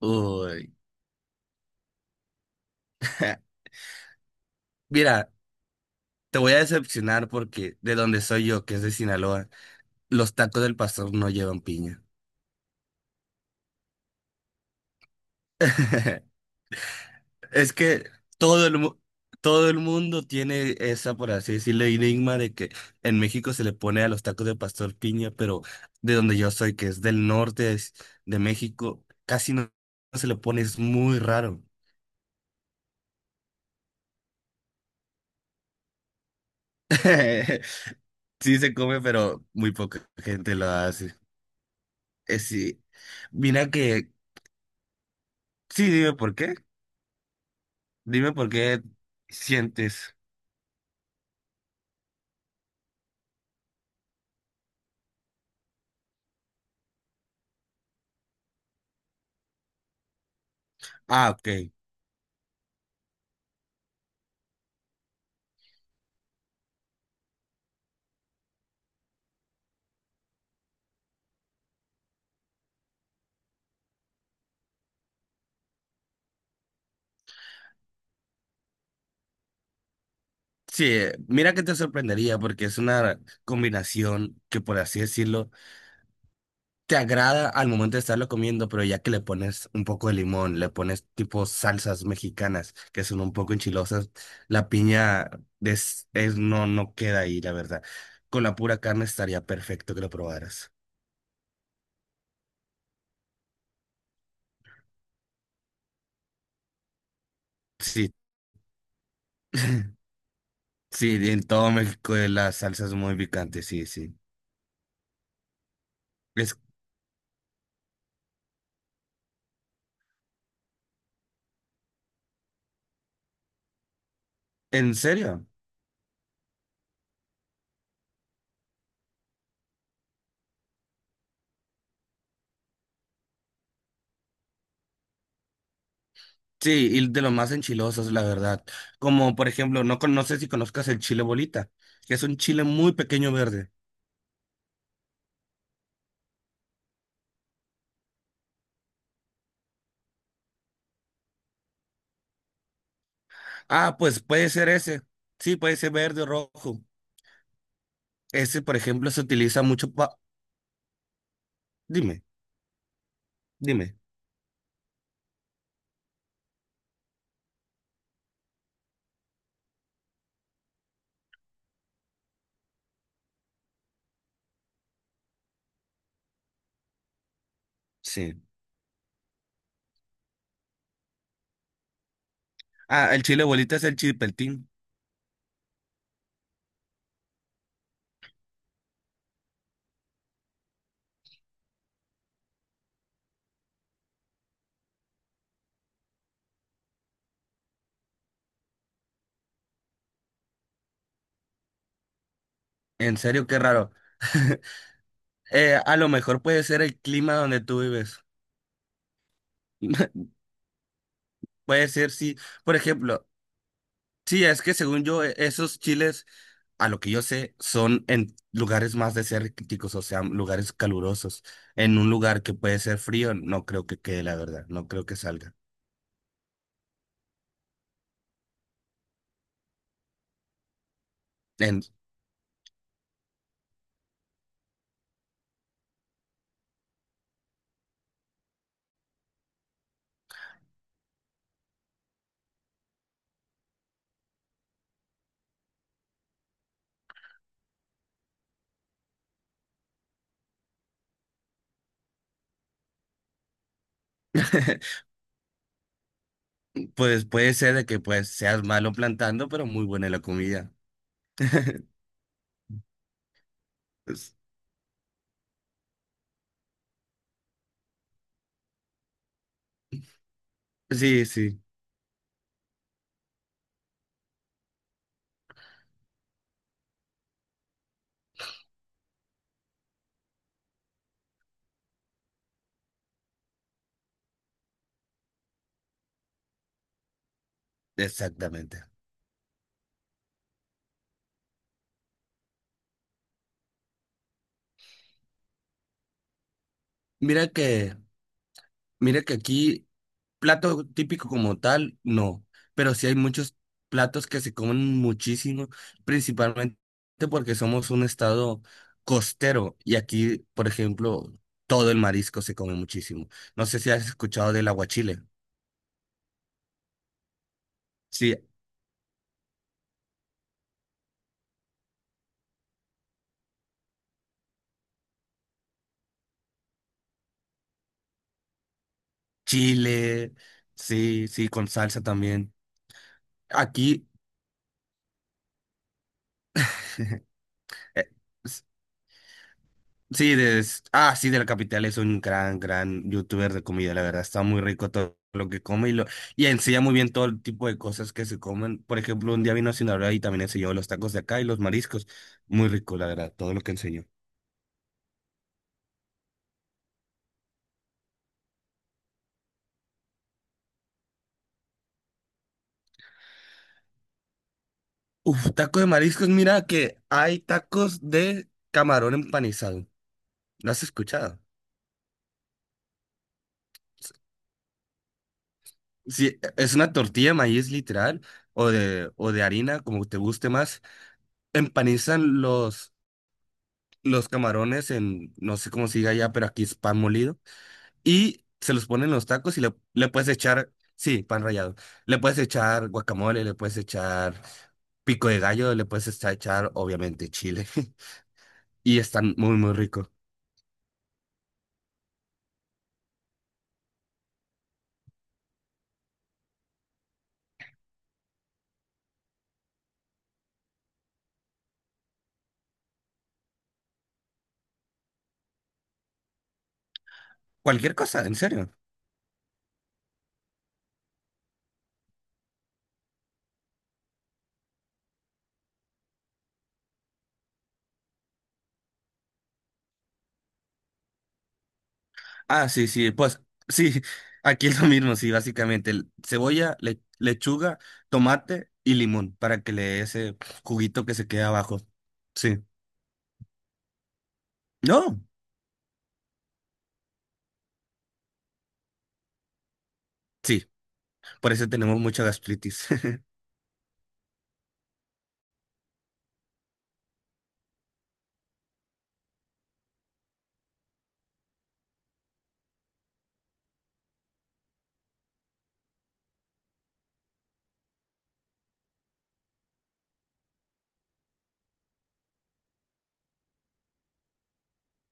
Uy. Mira, te voy a decepcionar porque de donde soy yo, que es de Sinaloa, los tacos del pastor no llevan piña. Es que todo el, mu- todo el mundo tiene esa, por así decirlo, enigma de que en México se le pone a los tacos de pastor piña, pero de donde yo soy, que es del norte de México, casi no se le pone, es muy raro. Sí se come, pero muy poca gente lo hace. Sí. Mira que, sí, dime por qué. Dime por qué sientes. Ah, ok. Sí, mira que te sorprendería porque es una combinación que, por así decirlo, te agrada al momento de estarlo comiendo, pero ya que le pones un poco de limón, le pones tipo salsas mexicanas que son un poco enchilosas, la piña no, no queda ahí, la verdad. Con la pura carne estaría perfecto que lo probaras. Sí, sí, en todo México las salsas muy picantes, sí, sí. Es, ¿En serio? Sí, y de los más enchilosos, la verdad. Como por ejemplo, no, no sé si conozcas el chile bolita, que es un chile muy pequeño verde. Ah, pues puede ser ese. Sí, puede ser verde o rojo. Ese, por ejemplo, se utiliza mucho pa... Dime, dime. Sí. Ah, el chile bolita es el chilpeltín. En serio, qué raro. A lo mejor puede ser el clima donde tú vives. Puede ser, sí. Por ejemplo, sí, es que según yo, esos chiles. A lo que yo sé, son en lugares más desérticos, o sea, lugares calurosos. En un lugar que puede ser frío, no creo que quede, la verdad, no creo que salga. En- pues puede ser de que pues seas malo plantando, pero muy buena la comida. Sí, sí, exactamente. Mira que Mira que aquí plato típico como tal, no, pero sí hay muchos platos que se comen muchísimo, principalmente porque somos un estado costero y aquí, por ejemplo, todo el marisco se come muchísimo. No sé si has escuchado del aguachile. Sí, chile, sí, sí, con salsa también. Aquí, eh, sí, ah, sí, de la capital es un gran, gran youtuber de comida, la verdad. Está muy rico todo lo que come y y enseña muy bien todo el tipo de cosas que se comen. Por ejemplo, un día vino a Sinaloa y también enseñó los tacos de acá y los mariscos. Muy rico, la verdad, todo lo que enseñó. Uf, taco de mariscos, mira que hay tacos de camarón empanizado. ¿Lo has escuchado? Sí, es una tortilla de maíz literal o de harina, como te guste más. Empanizan los camarones en, no sé cómo se diga allá, pero aquí es pan molido. Y se los ponen en los tacos y le puedes echar, sí, pan rallado. Le puedes echar guacamole, le puedes echar pico de gallo, le puedes echar, obviamente, chile. Y están muy, muy rico. Cualquier cosa, en serio. Ah, sí, sí, pues sí, aquí es lo mismo, sí, básicamente. Cebolla, lechuga, tomate y limón para que le dé ese juguito que se queda abajo. Sí. No, sí, por eso tenemos mucha gastritis.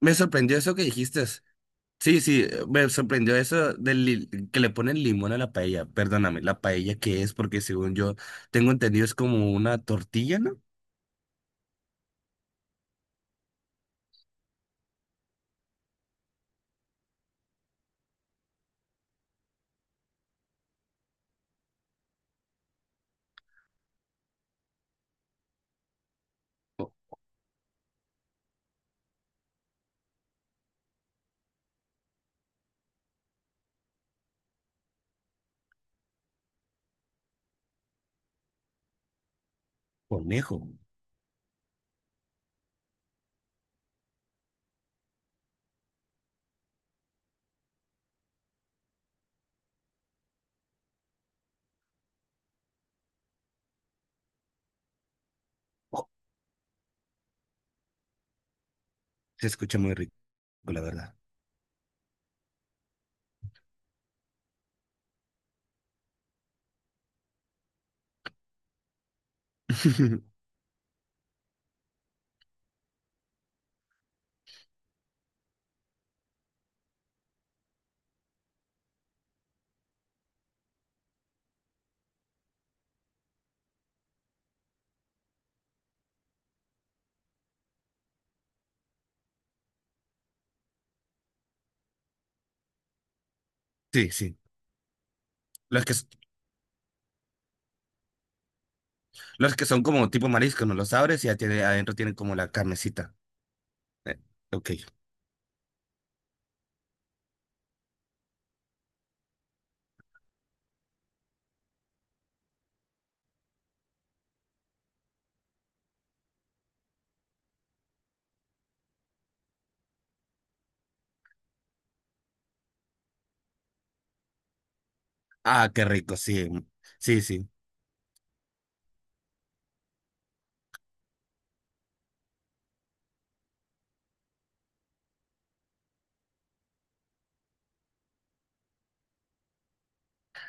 Me sorprendió eso que dijiste. Sí, sí, me sorprendió eso que le ponen limón a la paella. Perdóname, ¿la paella qué es? Porque según yo tengo entendido es como una tortilla, ¿no? Conejo. Oh, se escucha muy rico, la verdad. Sí, sí. Los que, s- los que son como tipo marisco, ¿no? Los abres y ya tiene, adentro tienen como la carnecita. Eh, ok. Ah, qué rico, sí. Sí, sí.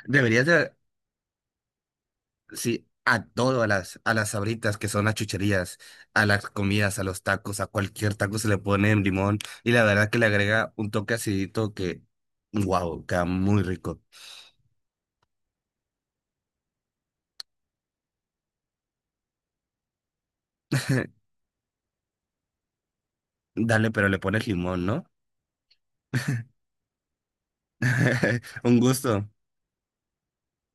Deberías de sí, a todo a las sabritas que son las chucherías, a las comidas, a los tacos, a cualquier taco se le pone limón y la verdad que le agrega un toque acidito que, wow, queda muy rico. Dale, pero le pones limón, ¿no? Un gusto.